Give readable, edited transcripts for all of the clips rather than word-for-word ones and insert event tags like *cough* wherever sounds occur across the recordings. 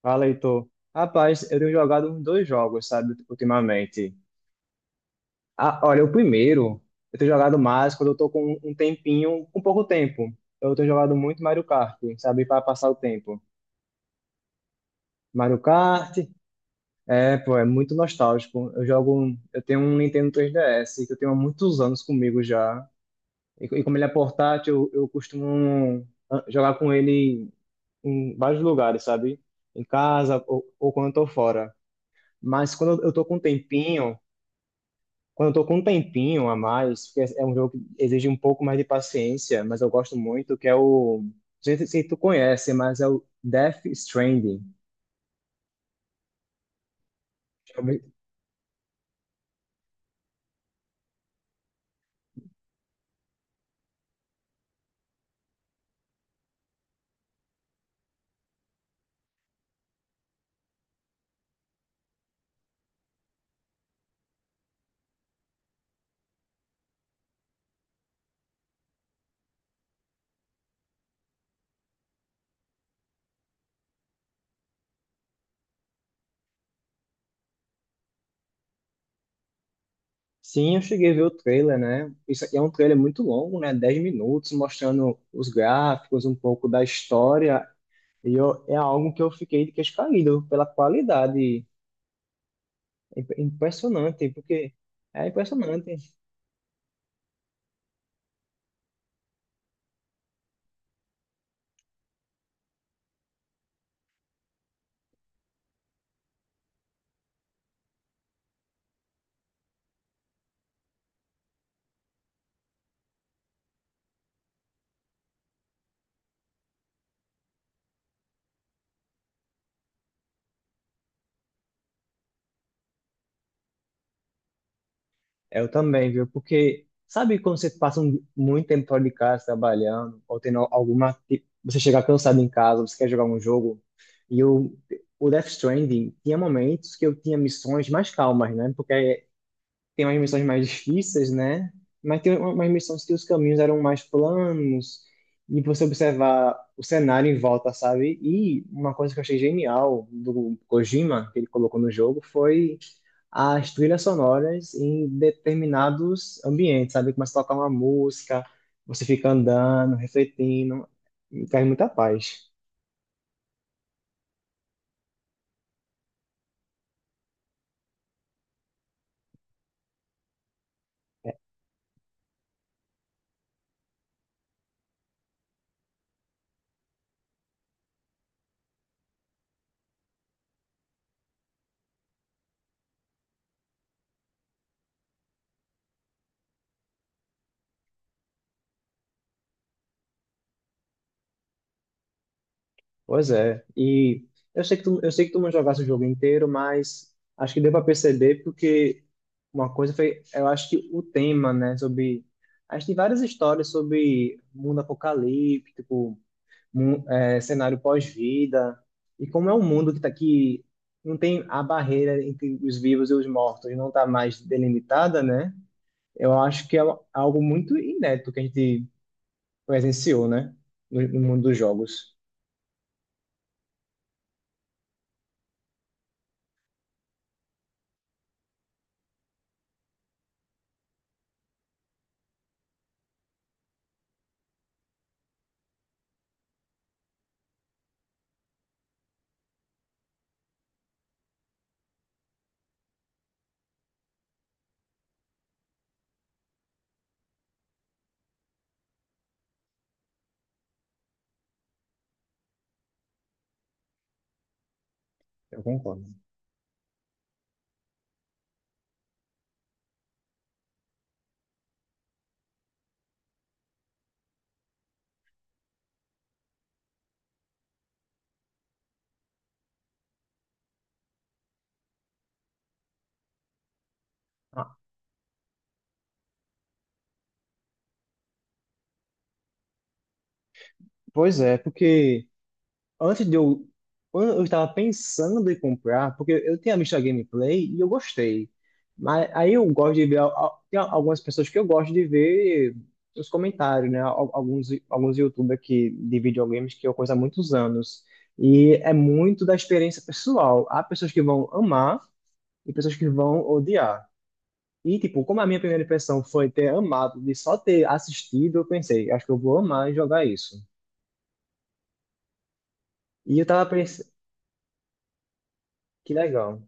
Fala, Heitor. Rapaz, eu tenho jogado uns dois jogos, sabe, ultimamente. Ah, olha, o primeiro, eu tenho jogado mais quando eu tô com um tempinho, com pouco tempo. Eu tenho jogado muito Mario Kart, sabe, para passar o tempo. Mario Kart, é, pô, é muito nostálgico. Eu tenho um Nintendo 3DS que eu tenho há muitos anos comigo já. E como ele é portátil, eu costumo jogar com ele em vários lugares, sabe? Em casa ou quando eu tô fora. Mas quando eu tô com um tempinho. Quando eu tô com um tempinho a mais, porque é um jogo que exige um pouco mais de paciência, mas eu gosto muito, que é o... Não sei se tu conhece, mas é o Death Stranding. Sim, eu cheguei a ver o trailer, né? Isso aqui é um trailer muito longo, né? 10 minutos, mostrando os gráficos, um pouco da história. E eu, é algo que eu fiquei de queixo caído pela qualidade. Impressionante, porque é impressionante. Eu também, viu? Porque sabe quando você passa muito tempo fora de casa trabalhando, ou tendo Você chega cansado em casa, você quer jogar um jogo. E eu, o Death Stranding tinha momentos que eu tinha missões mais calmas, né? Porque tem umas missões mais difíceis, né? Mas tem umas missões que os caminhos eram mais planos, e você observar o cenário em volta, sabe? E uma coisa que eu achei genial do Kojima, que ele colocou no jogo, foi as trilhas sonoras em determinados ambientes, sabe? Começa a tocar uma música, você fica andando, refletindo, e traz muita paz. Pois é. E eu sei que tu não jogasse o jogo inteiro, mas acho que deu para perceber porque uma coisa foi, eu acho que o tema, né, sobre acho que tem várias histórias sobre mundo apocalíptico, é, cenário pós-vida, e como é um mundo que tá aqui, não tem a barreira entre os vivos e os mortos, não está mais delimitada, né? Eu acho que é algo muito inédito que a gente presenciou, né? no mundo dos jogos. Eu concordo. Ah, pois é, porque antes de eu. Eu estava pensando em comprar, porque eu tinha visto a gameplay e eu gostei. Mas aí eu gosto de ver. Tem algumas pessoas que eu gosto de ver os comentários, né? Alguns YouTubers que, de videogames que eu conheço há muitos anos. E é muito da experiência pessoal. Há pessoas que vão amar e pessoas que vão odiar. E, tipo, como a minha primeira impressão foi ter amado, de só ter assistido, eu pensei, acho que eu vou amar e jogar isso. E eu tava pensando, que legal.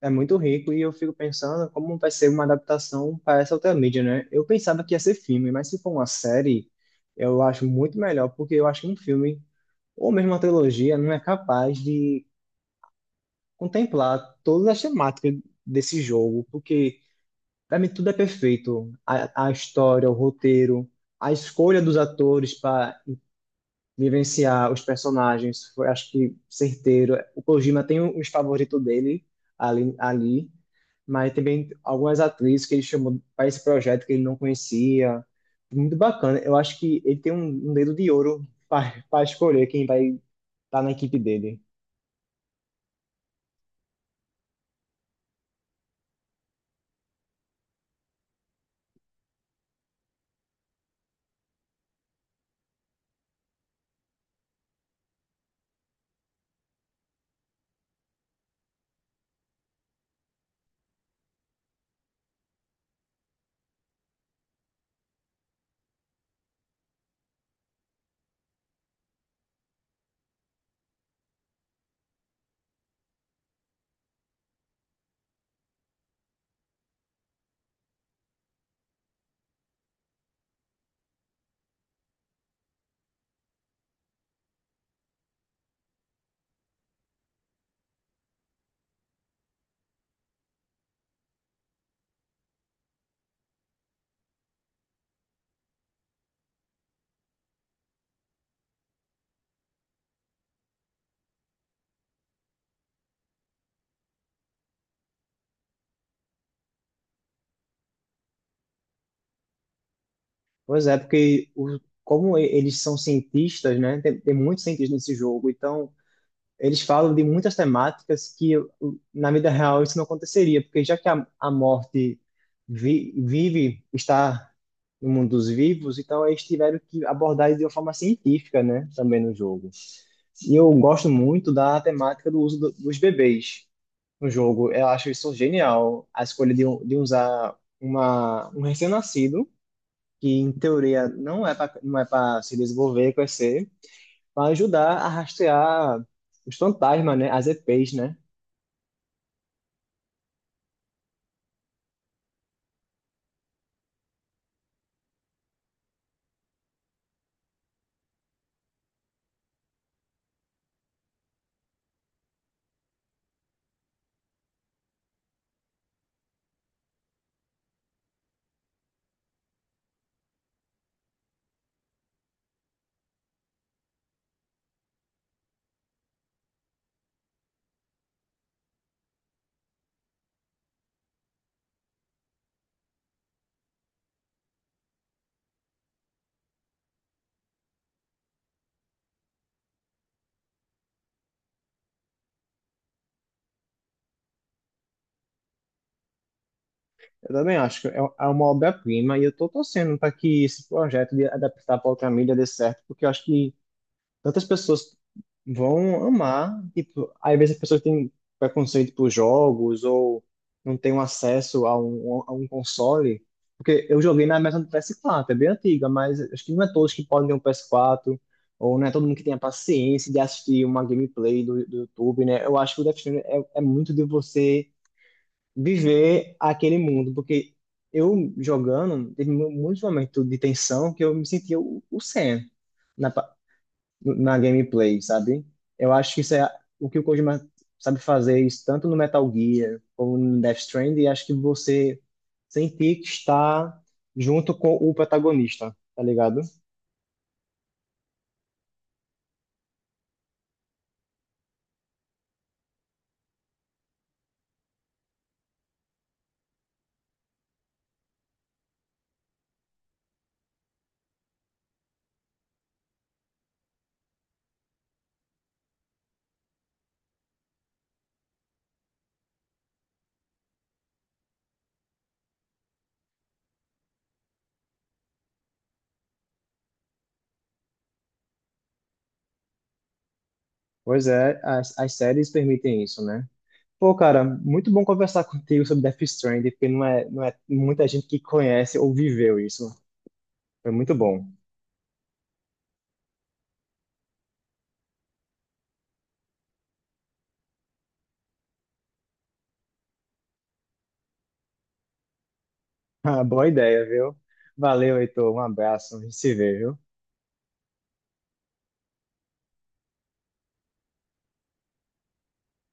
É muito rico e eu fico pensando como vai ser uma adaptação para essa outra mídia, né? Eu pensava que ia ser filme, mas se for uma série, eu acho muito melhor, porque eu acho que um filme, ou mesmo uma trilogia, não é capaz de contemplar todas as temáticas desse jogo, porque para mim tudo é perfeito. A história, o roteiro, a escolha dos atores para vivenciar os personagens, foi, acho que certeiro. O Kojima tem uns favoritos dele ali, mas também algumas atrizes que ele chamou para esse projeto que ele não conhecia. Muito bacana. Eu acho que ele tem um dedo de ouro para escolher quem vai estar na equipe dele. Pois é, porque o, Como eles são cientistas, né? Tem muitos cientistas nesse jogo, então eles falam de muitas temáticas que na vida real isso não aconteceria, porque já que a morte vive, está no mundo dos vivos, então eles tiveram que abordar isso de uma forma científica, né, também no jogo. E eu gosto muito da temática do uso dos bebês no jogo. Eu acho isso genial, a escolha de usar um recém-nascido, que em teoria não é para se desenvolver, crescer, para ajudar a rastrear os fantasmas, né? As EPs, né? Eu também acho que é uma obra-prima e eu tô torcendo para que esse projeto de adaptar para outra mídia dê certo, porque eu acho que tantas pessoas vão amar. Tipo, às vezes as pessoas têm preconceito por jogos ou não têm um acesso a a um console. Porque eu joguei na mesa do PS4, é bem antiga, mas acho que não é todos que podem ter um PS4, ou não é todo mundo que tem a paciência de assistir uma gameplay do YouTube, né? Eu acho que o Death Stranding é muito de você viver aquele mundo, porque eu jogando, teve muitos momentos de tensão que eu me sentia o Sam na gameplay, sabe? Eu acho que isso é o que o Kojima sabe fazer, isso tanto no Metal Gear como no Death Stranding, e acho que você sentir que está junto com o protagonista, tá ligado? Pois é, as séries permitem isso, né? Pô, cara, muito bom conversar contigo sobre Death Stranding, porque não é muita gente que conhece ou viveu isso. Foi muito bom. *laughs* Ah, boa ideia, viu? Valeu, Heitor. Um abraço. A gente se vê, viu?